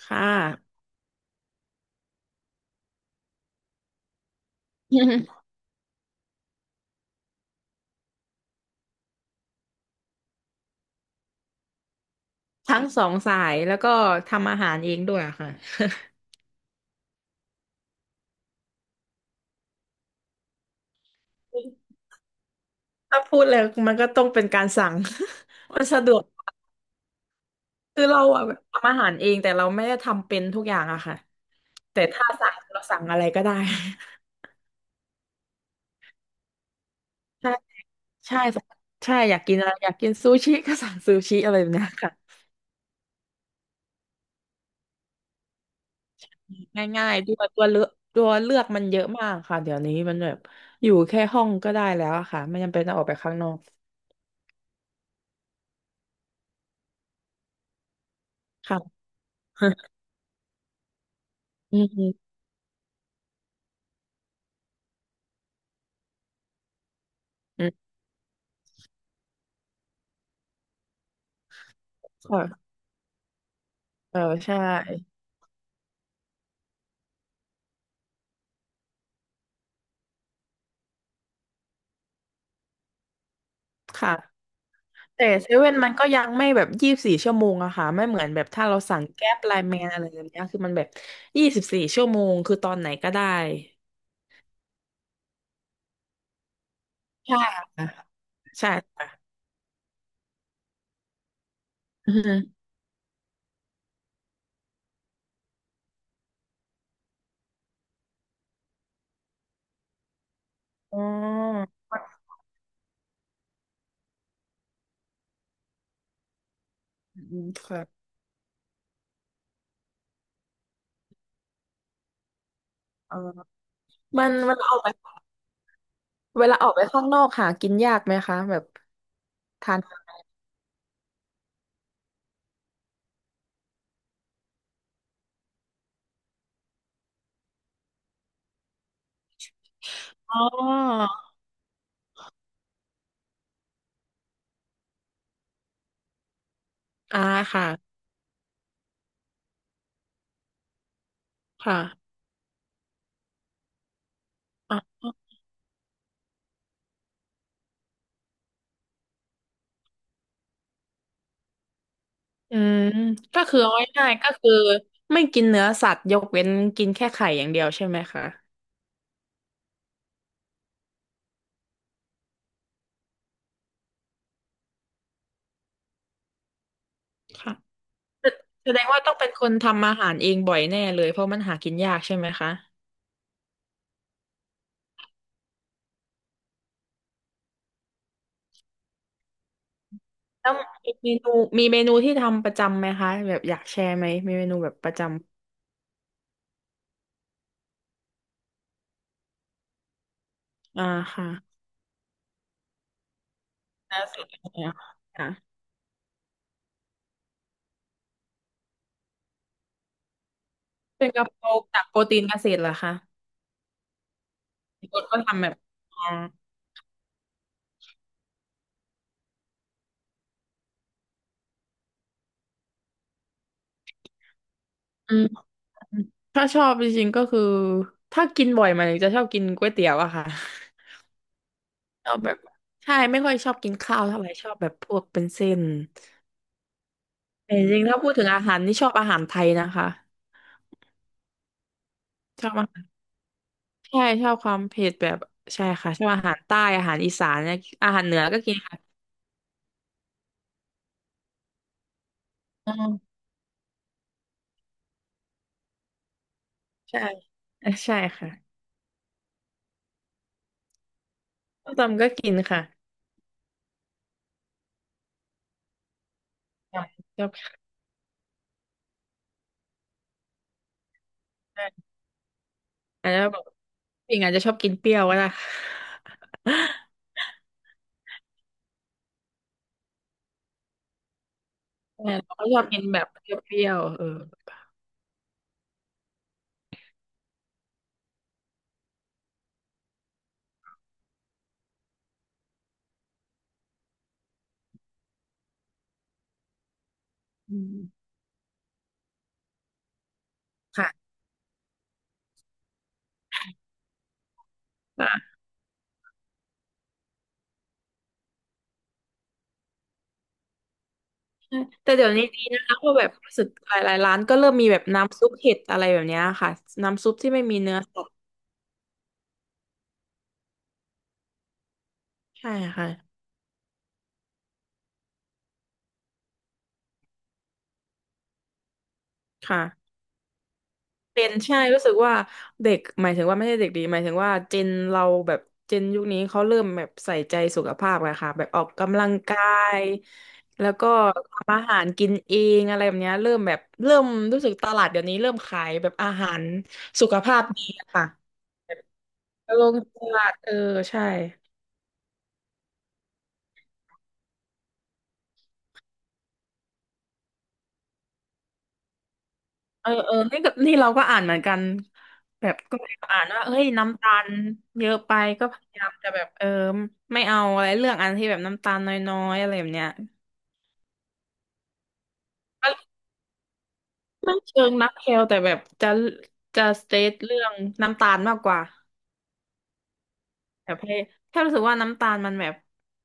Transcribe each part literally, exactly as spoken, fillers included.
ค่ะ ทั้งสองสายแล้วก็ทำอาหารเองด้วยอะค่ะ ถ้าพูดเลยมันก็ต้องเป็นการสั่ง มันสะดวกคือเราอะแบบทำอาหารเองแต่เราไม่ได้ทำเป็นทุกอย่างอะค่ะแต่ถ้าสั่งเราสั่งอะไรก็ได้ ใช่ใช่ใช่อยากกินอะไรอยากกินซูชิก็สั่งซูชิอะไรแบบเนี้ยค่ะง่ายๆด้วยตัวเลือกตัวเลือกมันเยอะมากค่ะเดี๋ยวนี้มันแบบอยู่แค่ห้องก็ได้แล้วอะค่ะไม่จำเป็นต้องออกไปข้างนอกค่ะ อืมอืมค่ะ เออใช่ค่ะแต่เซเว่นมันก็ยังไม่แบบยี่สิบสี่ชั่วโมงอะค่ะไม่เหมือนแบบถ้าเราสั่งแก๊ปไลน์แมนอะไรแบบเนี้ยคือมันแบบยี่สิบสี่ชั่วโมงคือตอนไหนก็ได้ใช่ค่ะใช่ค่ะอือฮึอ๋ออืมค่ะเออมันเวลาออกไปเวลาออกไปข้างนอกหากินยากไหมคะแบบทานอ๋ออ่าค่ะค่ะ อืมก็คือเอาง่ายๆก็คือไม่กินเนื้อสัตว์ยกเว้นกินแค่ไข่อย่างเดียวใช่ไหมคะค่ะแสแสดงว่าต้องเป็นคนทำอาหารเองบ่อยแน่เลยเพราะมันหากินยากใช่ไหมคะแล้วมีเมนูมีเมนูที่ทำประจำไหมคะแบบอยากแชร์ไหมมีเมนูแบบประจำอ่าค่ะนะสุดเนี่ยค่ะเป็นกะเพราจากโปรตีนเกษตรเหรอคะก็ก็ทำแบบอ่าอืมถ้าชอบจริงๆก็คือถ้ากินบ่อยมันจะชอบกินก๋วยเตี๋ยวอะค่ะ เราแบบใช่ไม่ค่อยชอบกินข้าวเท่าไหร่ชอบแบบพวกเป็นเส้นแต่จริงๆถ้าพูดถึงอาหารนี่ชอบอาหารไทยนะคะชอบอาหารใช่ชอบความเผ็ดแบบใช่ค่ะชอบอาหารใต้อาหารอีสานเนี่ยอาหารเหนือก็กินค่ะอืมใช่เอ่อใช่ค่ะส้มตำก็กินค่ะใชชอบค่ะอาจจะบอกปิงอาจจะชอบกินเปรี้ยวก็ได้ ใช่เราก็ชอบกินแบบเปรี้ยวๆเอออืมค่ะ ใช่แต่เดี๋ยวนี้ดีนะคะเพราะแบบรู้สึกหลายๆร้านก็เริ่มมีแบบน้ำซุปเห็ดอะไรแบบเนี้ยค่ะน้ำซุปที่ไม่มีเนื้อสัตว์ใช่ค่ะค่ะเป็นใช่รู้สึกว่าเด็กหมายถึงว่าไม่ใช่เด็กดีหมายถึงว่าเจนเราแบบเจนยุคนี้เขาเริ่มแบบใส่ใจสุขภาพกันค่ะแบบออกกำลังกายแล้วก็ทำอาหารกินเองอะไรแบบเนี้ยเริ่มแบบเริ่มรู้สึกตลาดเดี๋ยวนี้เริ่มขายแบบอาหารสุขภาพดีอะค่ะลงตลาดเออใช่ เออเออนี่กับนี่เราก็อ่านเหมือนกันแบบก็พยายามอ่านว่าเฮ้ยน้ำตาลเยอะไปก็พยายามจะแบบเออไม่เอาอะไรเรื่องอันที่แบบน้ำตาลน้อยๆอะไรแบบเนี้ยมันไม่เชิงนักเคลแต่แบบจะจะสเตทเรื่องน้ำตาลมากกว่า แบบให้แค่รู้สึกว่าน้ำตาลมันแบบ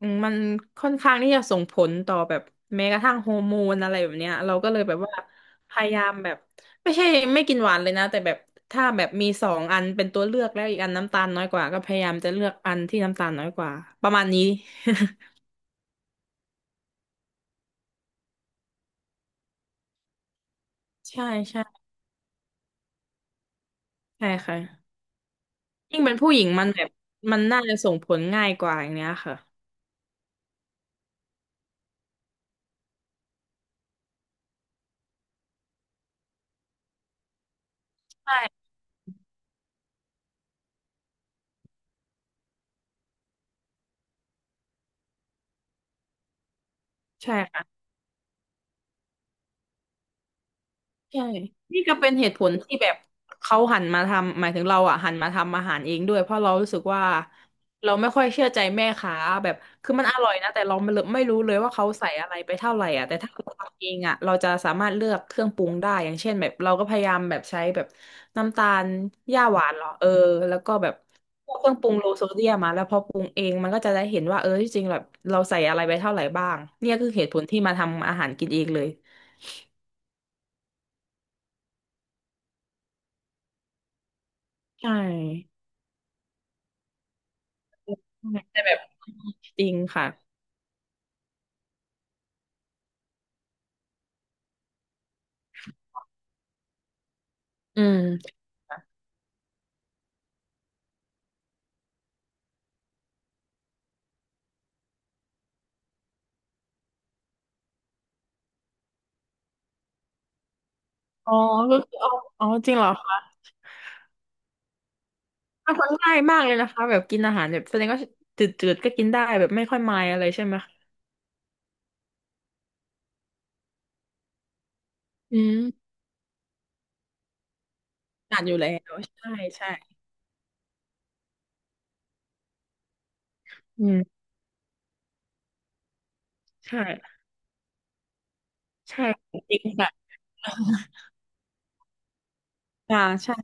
อืมมันค่อนข้างที่จะส่งผลต่อแบบแม้กระทั่งฮอร์โมนอะไรแบบเนี้ยเราก็เลยแบบว่าพยายามแบบไม่ใช่ไม่กินหวานเลยนะแต่แบบถ้าแบบมีสองอันเป็นตัวเลือกแล้วอีกอันน้ำตาลน้อยกว่าก็พยายามจะเลือกอันที่น้ำตาลน้อยกว่าประมาณนี้ ใช่ใช่ใช่ค่ะยิ่งเป็นผู้หญิงมันแบบมันน่าจะส่งผลง่ายกว่าอย่างเนี้ยค่ะใช่ใช่ ใช่นี่ก็เป็นเหตุผลที่แบบเขาหันมาทำ หมายถึงเราอ่ะหันมาทำอาหารเองด้วย เพราะเรารู้สึกว่าเราไม่ค่อยเชื่อใจแม่ค้าแบบคือมันอร่อยนะแต่เราไม่รู้ไม่รู้เลยว่าเขาใส่อะไรไปเท่าไหร่อ่ะแต่ถ้าเราทำเองอ่ะเราจะสามารถเลือกเครื่องปรุงได้ อย่างเช่นแบบเราก็พยายามแบบใช้แบบน้ำตาลหญ้าหวานเหรอเออแล้วก็แบบพวกเครื่องปรุงโลโซเดียมมาแล้วพอปรุงเองมันก็จะได้เห็นว่าเออที่จริงแบบเราใส่อะไรไปเท่าไหร่บ้างเนี่ยคือเหตุผลที่มาทำอาหารกินเองเลยใช่แต่แบบ จริงค่ะอืมอ๋อก็คือเอาอ๋อจริงเหรอคะอ่ะฟัง่ายมากเลยนะคะแบบกินอาหารแบบแสดงว่าจืดๆก็กินได้แบบไม่ค่อยมายอะไรใช่ไหมคะอืมอ่านอยู่แล้วใช่ใช่อืมใช่ใช่จริงค่ะอ่าใช่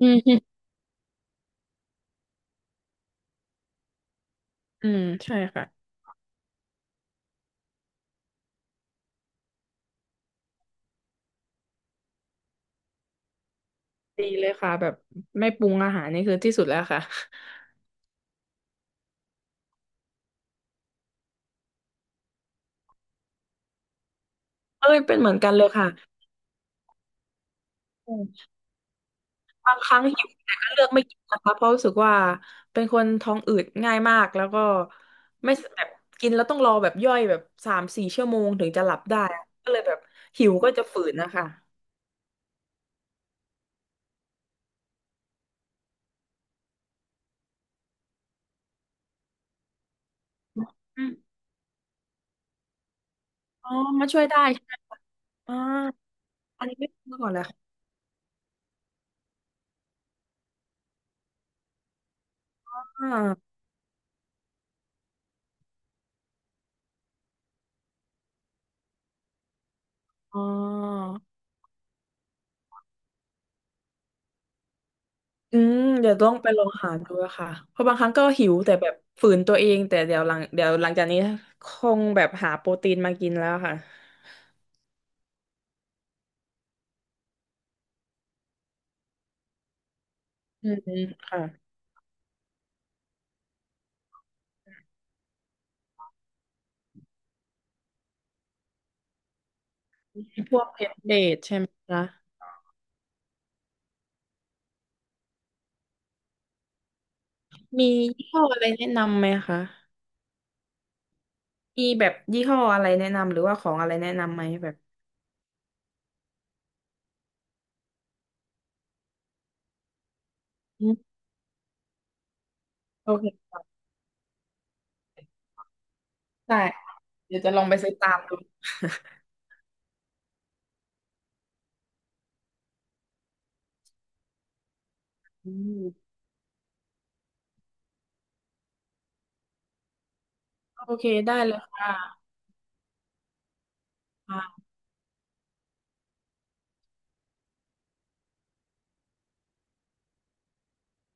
อืมอืมใช่ค่ะดีเลยค่ะแบบไม่ปรุงอาหารนี่คือที่สุดแล้วค่ะ เอ้ยเป็นเหมือนกันเลยค่ะ บางครั้งหิวแต่ก็เลือกไม่กินนะคะเพราะรู้สึกว่าเป็นคนท้องอืดง่ายมากแล้วก็ไม่แบบกินแล้วต้องรอแบบย่อยแบบสามสี่ชั่วโมงถึงจะหลับได้อะก็เลยแบบหิวก็จะฝืนนะคะอืมอ๋อมาช่วยได้ใช่ไหมคะอ่าอันนี้ไม่รู้ก่อนเลยค่ะอ่าอ๋ออืมเดี๋ยวต้องไปลองหาดูอะค่ะเพราะบางครั้งก็หิวแต่แบบฝืนตัวเองแต่เดี๋ยวหลังเดี๋ยวหลังจากนี้คงแบบหาโปรตีนมากินแล้วค่ะอืมค่ะ พวกเพชรเบดใช่ไหมคะมียี่ห้ออะไรแนะนำไหมคะ มีแบบยี่ห้ออะไรแนะนำหรือว่าของอะไรแนะนำไหมแบบอืมโอเคได้เดี๋ยวจะลองไปซื้อตามดู อืมโอเคได้เลยค่ะค่ะ